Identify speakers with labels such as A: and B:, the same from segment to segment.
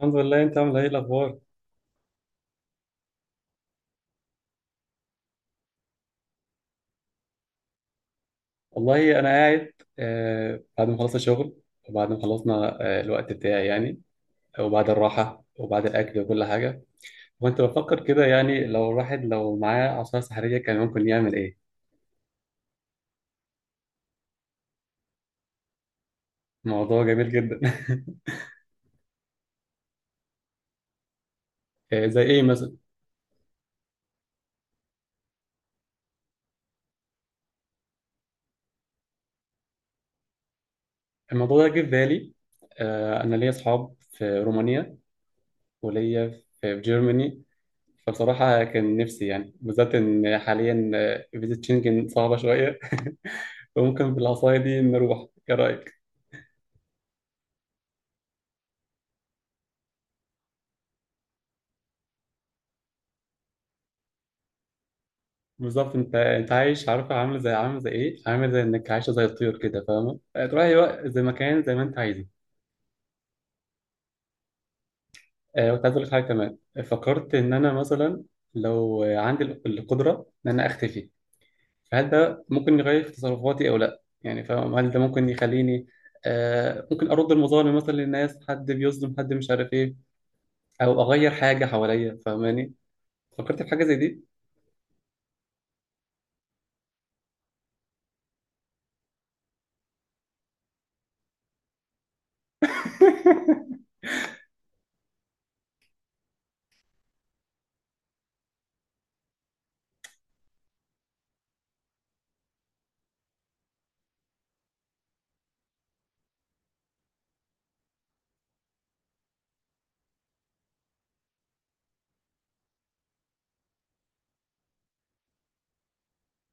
A: الحمد لله، انت عامل ايه؟ إيه الاخبار؟ والله انا قاعد، بعد ما خلصت شغل. وبعد ما خلصنا الوقت بتاعي يعني. وبعد الراحه وبعد الاكل وكل حاجه. وانت بفكر كده يعني، لو الواحد لو معاه عصايه سحريه كان ممكن يعمل ايه؟ موضوع جميل جدا. زي ايه مثلا؟ الموضوع ده جه في بالي. انا ليا اصحاب في رومانيا، وليا في جيرماني. فبصراحة كان نفسي يعني، بالذات إن حاليا فيزا شنجن صعبة شوية. فممكن بالعصاية دي نروح، إيه رأيك؟ بالظبط، انت عايش، عارفه عامله زي عامله زي ايه، عامله زي انك عايشه زي الطير كده، فاهمه؟ تروحي زي مكان زي ما انت عايزه. وكنت عايز اقول لك حاجه كمان. فكرت ان انا مثلا، لو عندي القدره ان انا اختفي، فهل ده ممكن يغير في تصرفاتي او لا؟ يعني فاهم، هل ده ممكن يخليني ممكن ارد المظالم مثلا للناس، حد بيظلم حد مش عارف ايه، او اغير حاجه حواليا، فاهماني؟ فكرت في حاجه زي دي.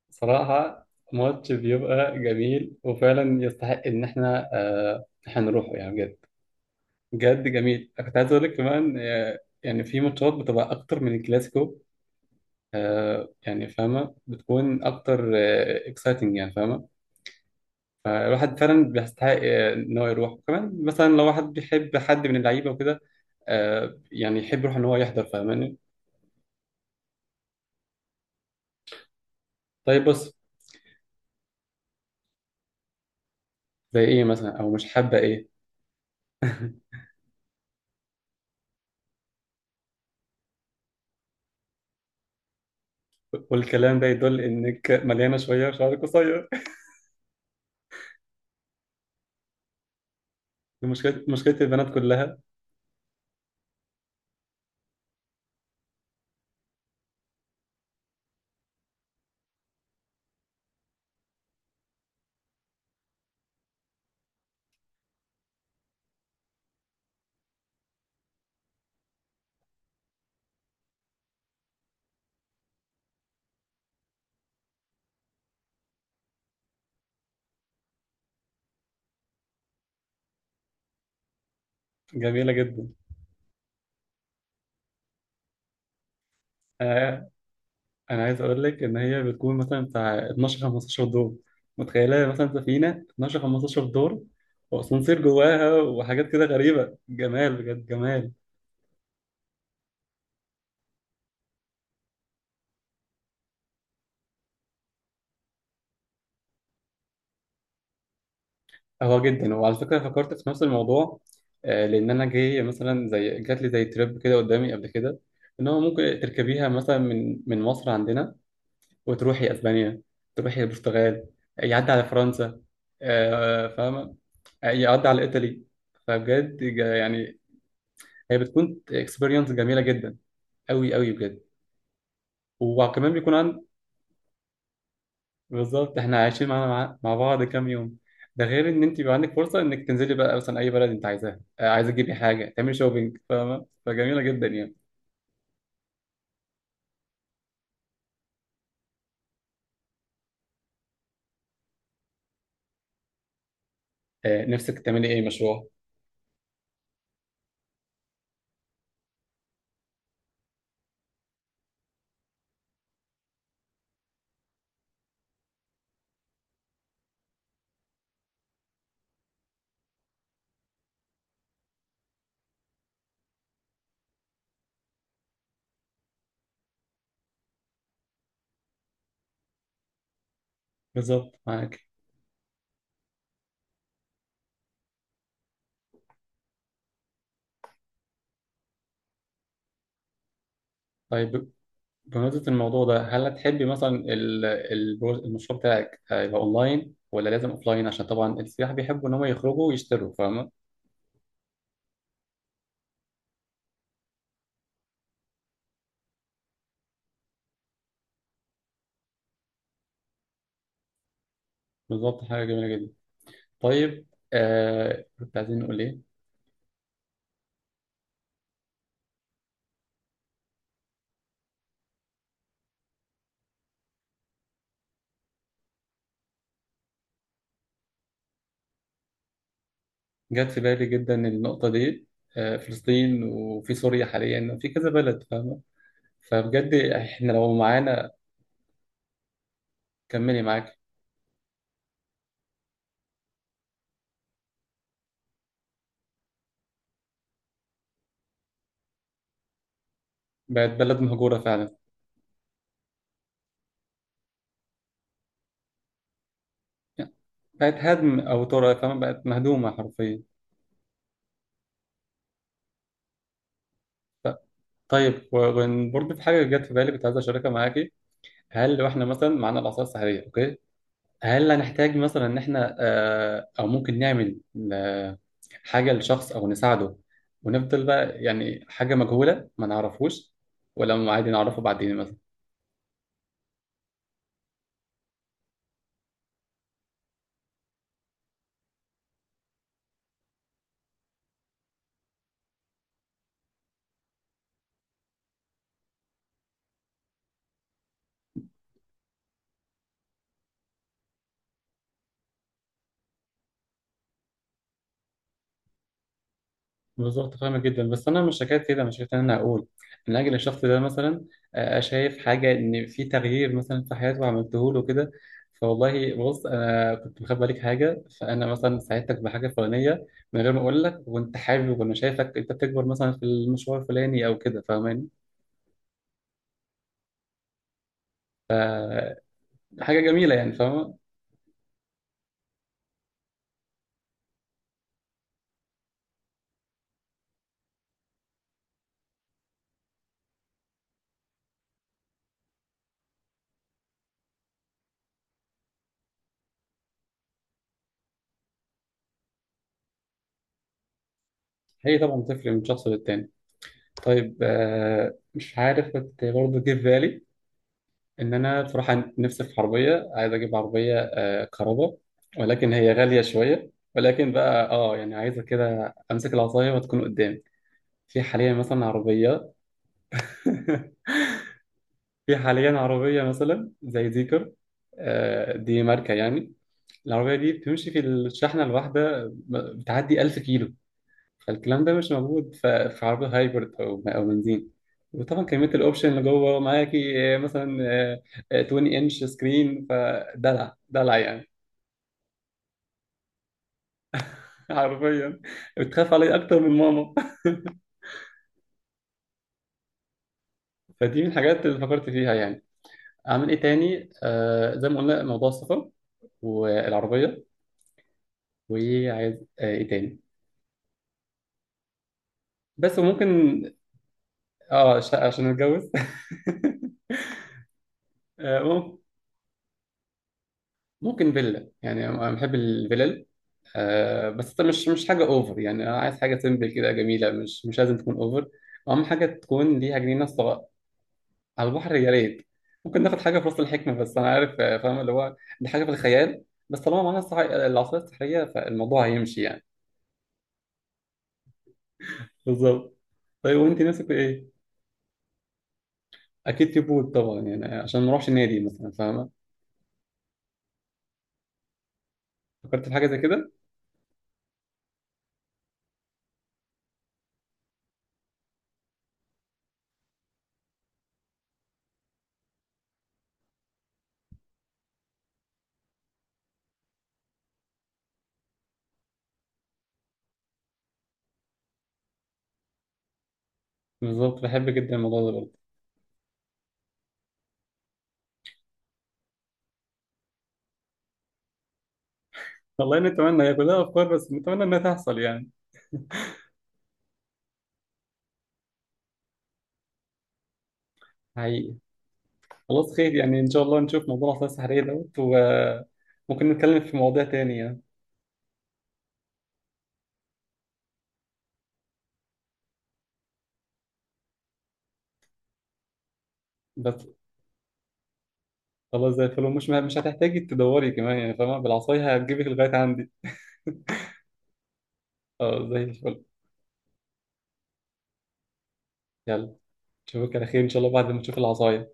A: صراحة، ماتش بيبقى جميل وفعلا يستحق إن إحنا نروحه يعني، بجد. بجد جميل. كنت عايز أقول لك كمان، يعني في ماتشات بتبقى أكتر من الكلاسيكو. يعني فاهمة، بتكون أكتر إكسايتنج، يعني فاهمة. فالواحد فعلا بيستحق إن هو يروح، كمان مثلا لو واحد بيحب حد من اللعيبة وكده، يعني يحب يروح إن هو يحضر، فاهماني؟ طيب، بص. زي إيه مثلا؟ أو مش حابة إيه؟ والكلام ده يدل إنك مليانة شوية، شعرك قصير. مشكلة مشكلة البنات كلها. جميلة جدا. آه، أنا عايز أقول لك إن هي بتكون مثلا بتاع 12 15 دور، متخيلة مثلا سفينة 12 15 دور؟ وأسانسير جواها وحاجات كده غريبة. جمال، بجد جمال. هو جدا. وعلى فكرة، فكرت في نفس الموضوع. لأن أنا جاي مثلا زي جات لي زي تريب كده قدامي قبل كده، إن هو ممكن تركبيها مثلا من مصر عندنا، وتروحي اسبانيا، تروحي البرتغال، يعدي على فرنسا. فاهمه؟ يعدي على ايطالي. فبجد يعني، هي بتكون اكسبيرينس جميله جدا، قوي قوي بجد. وكمان بيكون عند. بالظبط، احنا عايشين مع بعض كام يوم. ده غير ان انت بيبقى عندك فرصه انك تنزلي بقى مثلا اي بلد انت عايزاها، عايزه تجيبي حاجه، تعملي شوبينج، فاهمه؟ فجميله جدا يعني. نفسك تعملي ايه مشروع؟ بالظبط معاك. طيب، بمناسبة الموضوع ده، هل هتحبي مثلا المشروع بتاعك هيبقى اونلاين ولا لازم اوفلاين؟ عشان طبعا السياح بيحبوا ان هم يخرجوا ويشتروا، فاهمة؟ بالظبط، حاجة جميلة جدا. طيب، كنت عايزين نقول ايه؟ جت في بالي جدا النقطة دي. فلسطين، وفي سوريا حاليا، وفي كذا بلد، فاهمة؟ فبجد احنا لو معانا. كملي معاك. بقت بلد مهجورة فعلا. بقت هدم او ترى، فاهمة؟ بقت مهدومة حرفيا. ف- طيب، وبرضه في حاجة جت في بالي كنت عايز أشاركها معاكي. هل لو احنا مثلا معانا الاعصار السحريه، اوكي؟ هل هنحتاج مثلا ان احنا او ممكن نعمل آه، حاجه لشخص او نساعده، ونفضل بقى يعني حاجه مجهوله ما نعرفوش، ولا عادي نعرفه بعدين مثلا؟ بالظبط، فاهمة جدا. بس انا مش حكايه كده، مش حكايه ان انا اقول من اجل الشخص ده مثلا. شايف حاجه ان في تغيير مثلا في حياته عملته له كده، فوالله بص، انا كنت مخبي عليك حاجه، فانا مثلا ساعدتك بحاجه فلانيه من غير ما اقول لك، وانت حابب، وانا شايفك انت بتكبر مثلا في المشوار الفلاني او كده، فاهماني؟ حاجه جميله يعني، فاهمه. هي طبعا بتفرق من شخص للتاني. طيب، مش عارف، كنت برضه جه في بالي ان انا بصراحه نفسي في عربيه، عايز اجيب عربيه كهرباء. ولكن هي غاليه شويه، ولكن بقى يعني عايزه كده امسك العصايه وتكون قدامي. في حاليا مثلا عربيه. في حاليا عربيه مثلا زي زيكر. دي ماركه يعني. العربيه دي بتمشي في الشحنه الواحده بتعدي 1000 كيلو. فالكلام ده مش موجود في عربية هايبرد أو بنزين. وطبعا كمية الأوبشن اللي جوه معاكي، مثلا، 20 انش سكرين، فدلع دلع يعني. حرفيا. بتخاف علي أكتر من ماما. فدي من الحاجات اللي فكرت فيها يعني. أعمل إيه تاني؟ زي ما قلنا موضوع السفر، والعربية. وعايز إيه تاني؟ بس ممكن شقة عشان أتجوز. آه، مم- ممكن فيلا، يعني أنا بحب الفلل. بس انت مش حاجه اوفر، يعني انا عايز حاجه سيمبل كده جميله، مش لازم تكون اوفر. اهم حاجه تكون ليها جنينه صغيره. على البحر يا ريت. ممكن ناخد حاجه في راس الحكمه، بس انا عارف، فاهم اللي هو دي حاجه في الخيال، بس طالما معانا العصايه السحريه فالموضوع هيمشي يعني. بالظبط. طيب وانت نفسك في ايه؟ اكيد في بود طبعا يعني، عشان ما نروحش النادي مثلا، فاهمه؟ فكرت في حاجه زي كده؟ بالظبط، بحب جدا الموضوع ده برضه. والله نتمنى، هي كلها افكار بس نتمنى انها تحصل يعني. حقيقي. خلاص خير، يعني ان شاء الله نشوف موضوع الأحصائية السحرية دوت. وممكن نتكلم في مواضيع تاني يعني. بس خلاص زي الفل، ومش مش هتحتاجي تدوري كمان يعني، فاهمة، بالعصاية هتجيبك لغاية عندي. اه زي الفل. يلا. اشوفك على خير ان شاء الله بعد ما تشوف العصاية.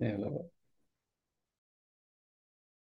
A: يلا.